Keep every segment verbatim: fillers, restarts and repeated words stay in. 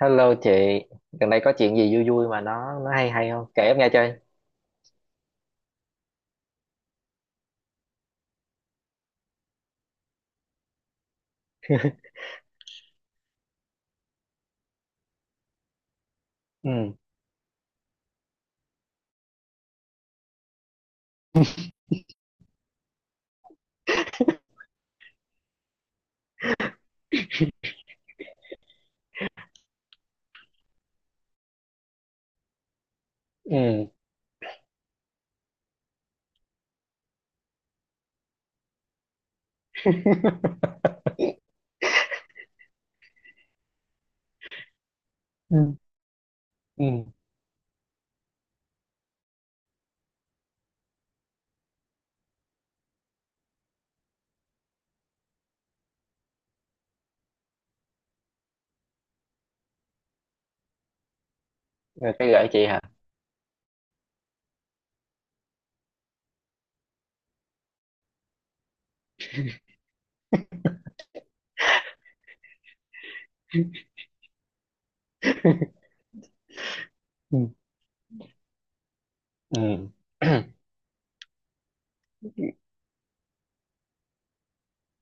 Hello chị, gần đây có chuyện gì vui vui mà nó nó hay hay không? Kể em nghe chơi. Ừ, ừ, Ừ. Ừ. Rồi cái gợi chị hả? Ừ. Ừ,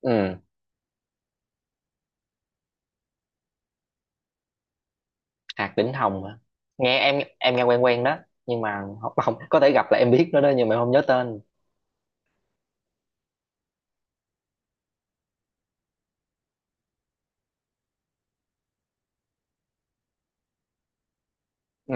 ừ. Hạt đỉnh hồng hả? Nghe em em nghe quen quen đó, nhưng mà không, không có thể gặp là em biết nó đó nhưng mà em không nhớ tên. Ừ,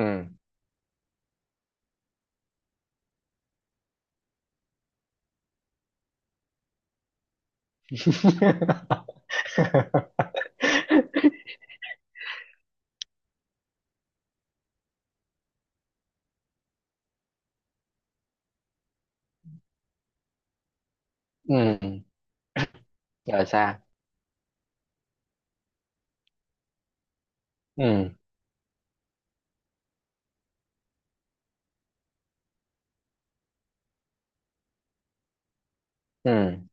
ừ. Rồi sao? Ừ, ừ,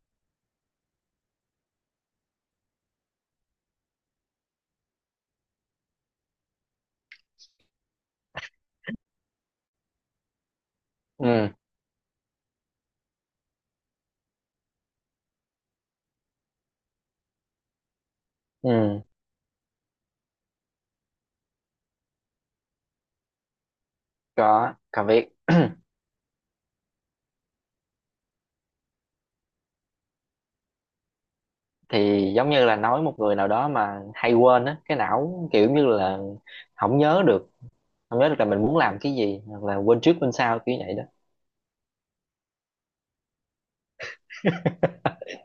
ừ, ừ. Có, có biết. Thì giống như là nói một người nào đó mà hay quên á, cái não kiểu như là không nhớ được không nhớ được là mình muốn làm cái gì hoặc là quên trước quên sau kiểu vậy đó.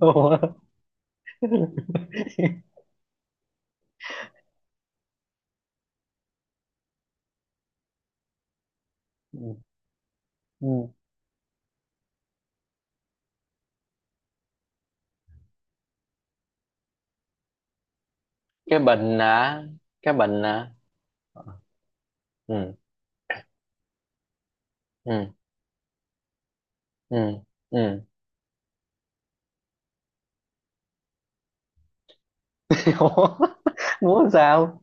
Ủa? Ừ. Ừ. cái bình hả cái bình hả Ừ, ừ, ừ, ừ. Ủa? Muốn sao?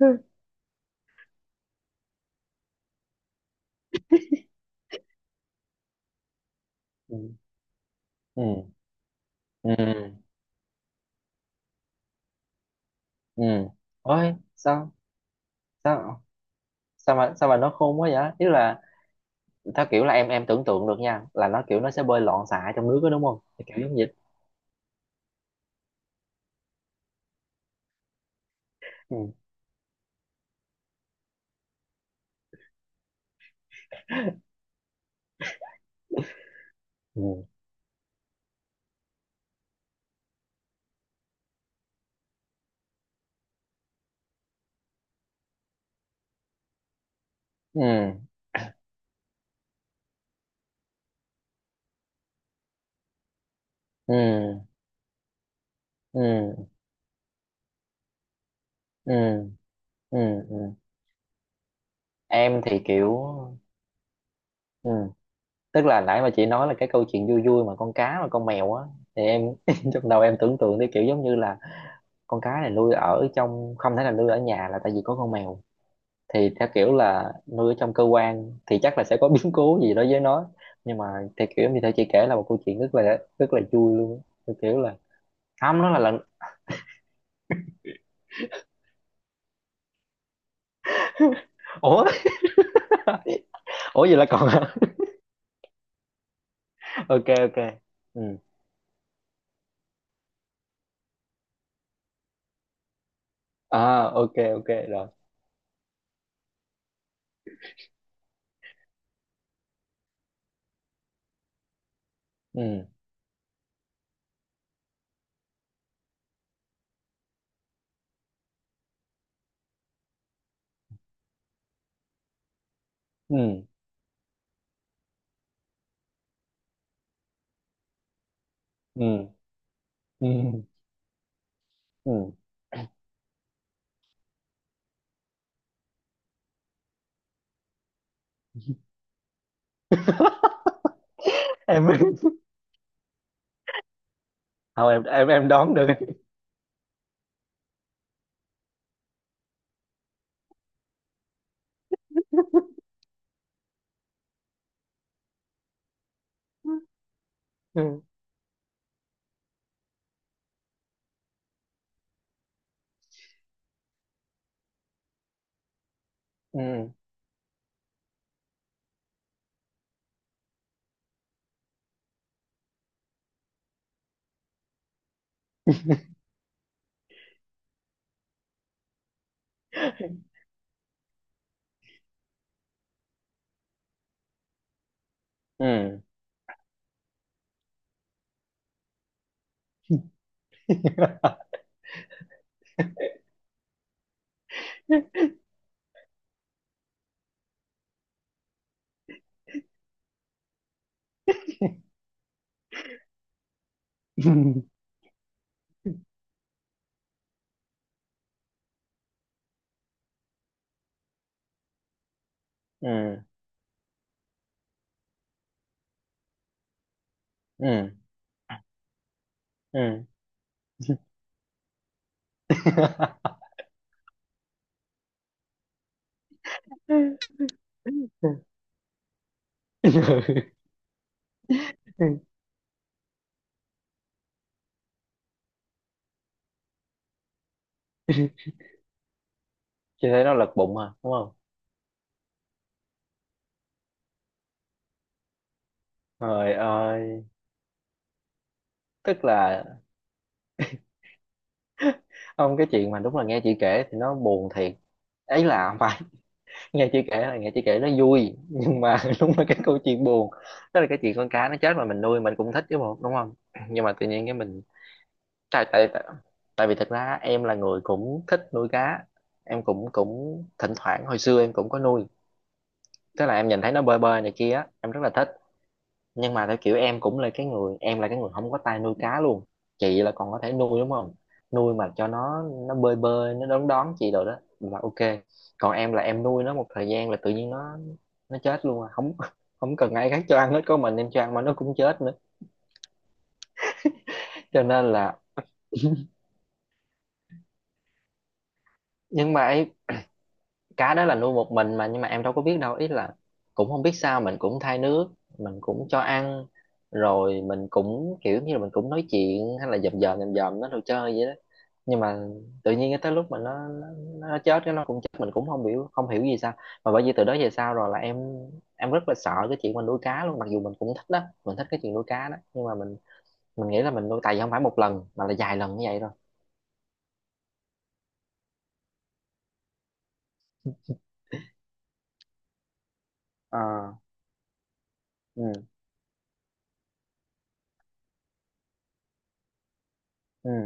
Ừ, ừ, ừ, ừ. Ôi sao sao sao mà sao mà nó khôn quá vậy, ý là... Theo kiểu là em em tưởng tượng được nha, là nó kiểu nó sẽ bơi loạn xạ trong nước đó, đúng không? Thì kiểu giống vậy. Ừ. Ừ. Ừ. Ừ. Ừ. Ừ. Ừ. Ừ. Em thì kiểu, ừ. Tức là nãy mà chị nói là cái câu chuyện vui vui mà con cá và con mèo á, thì em trong đầu em tưởng tượng tới kiểu giống như là con cá này nuôi ở trong không thể nào nuôi ở nhà là tại vì có con mèo, thì theo kiểu là nuôi ở trong cơ quan thì chắc là sẽ có biến cố gì đó với nó, nhưng mà theo kiểu như thế chị kể là một câu chuyện rất là rất là vui luôn á. Theo kiểu là không, nó là lần... ủa ủa vậy là còn... Ok, ok. Ừ, à ok, ok rồi. Ừ, ừ, ừ, ừ, ừ. Em không, em em em đoán được. Ừ, ừ, ừ. Ừ, ừ, ừ, ừ. Ừ. Chị thấy nó lật bụng à, đúng không? Trời ơi, tức là... không, cái chuyện mà đúng là nghe chị kể thì nó buồn thiệt. Ấy là không phải, nghe chị kể là nghe chị kể nó vui, nhưng mà đúng là cái câu chuyện buồn. Tức là cái chuyện con cá nó chết mà mình nuôi mình cũng thích chứ bộ, đúng không? Nhưng mà tự nhiên cái mình tại tại tại tại vì thật ra em là người cũng thích nuôi cá. Em cũng cũng thỉnh thoảng hồi xưa em cũng có nuôi. Tức là em nhìn thấy nó bơi bơi này kia, á, em rất là thích. Nhưng mà theo kiểu em cũng là cái người em là cái người không có tay nuôi cá luôn. Chị là còn có thể nuôi, đúng không? Nuôi mà cho nó nó bơi bơi, nó đón đón chị rồi đó là ok. Còn em là em nuôi nó một thời gian là tự nhiên nó nó chết luôn à, không không cần ai khác cho ăn hết, có mình em cho ăn mà nó cũng chết nữa. Cho nên là... nhưng mà ấy, cá đó là nuôi một mình mà nhưng mà em đâu có biết đâu, ý là cũng không biết sao, mình cũng thay nước, mình cũng cho ăn, rồi mình cũng kiểu như là mình cũng nói chuyện hay là dòm dòm dòm dòm nó đồ chơi vậy đó, nhưng mà tự nhiên cái tới lúc mà nó nó, nó chết, cái nó cũng chết, mình cũng không hiểu không hiểu gì sao. Mà bởi vì từ đó về sau rồi là em em rất là sợ cái chuyện mình nuôi cá luôn, mặc dù mình cũng thích đó, mình thích cái chuyện nuôi cá đó, nhưng mà mình mình nghĩ là mình nuôi tại vì không phải một lần mà là vài lần như vậy rồi. Ờ, ừ, ừ.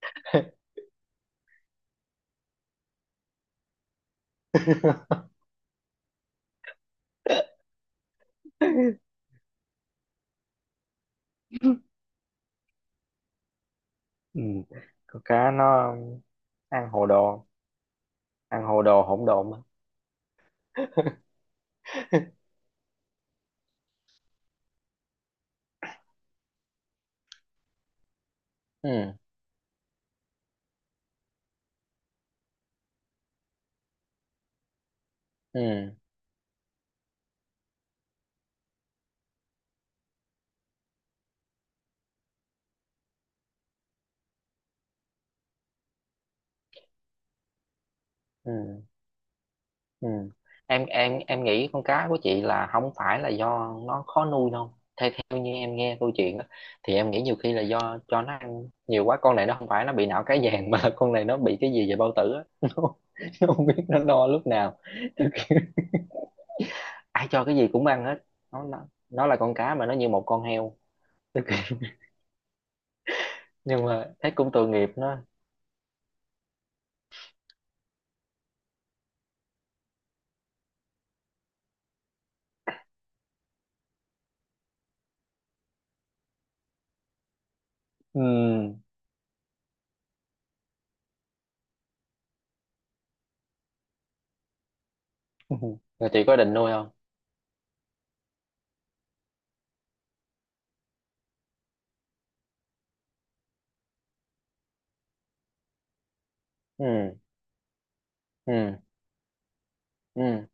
Ừ. Con cá nó ăn hồ đồ ăn hồ đồ hỗn độn mà. Ừ, ừ, ừ, ừ. Em em em nghĩ con cá của chị là không phải là do nó khó nuôi đâu. Đương nhiên em nghe câu chuyện đó, thì em nghĩ nhiều khi là do cho nó ăn nhiều quá, con này nó không phải nó bị não cái vàng mà là con này nó bị cái gì về bao tử á. Nó, không- nó không biết nó no lúc nào, ai cho cái gì cũng ăn hết. Nó nó, nó là con cá mà nó như một con heo, nhưng mà thấy cũng tội nghiệp nó. Ừ. Rồi chị có định nuôi không? Ừ, ừ, ừ,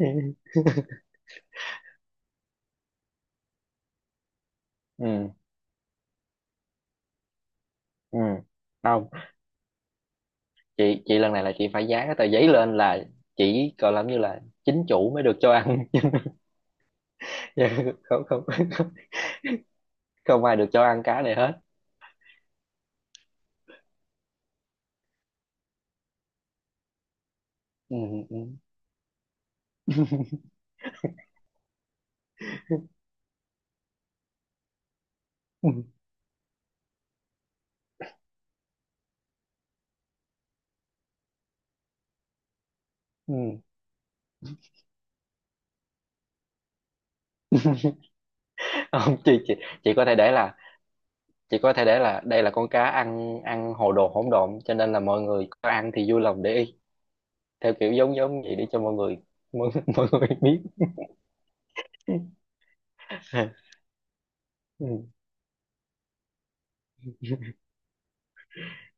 ừ, ừ, ừ. Không, chị chị lần này là chị phải dán cái tờ giấy lên là chỉ gọi làm như là chính chủ mới được cho ăn. Dạ, không, không, không ai được cho ăn cá này hết. Ừ, ừ, ừ, ừ. Không, chị chị chị có thể để là chị có thể để là đây là con cá ăn ăn hồ đồ hỗn độn, cho nên là mọi người có ăn thì vui lòng để ý, theo kiểu giống giống vậy để cho mọi người, mọi, mọi người biết. Ừ.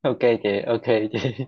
Ok chị, ok chị.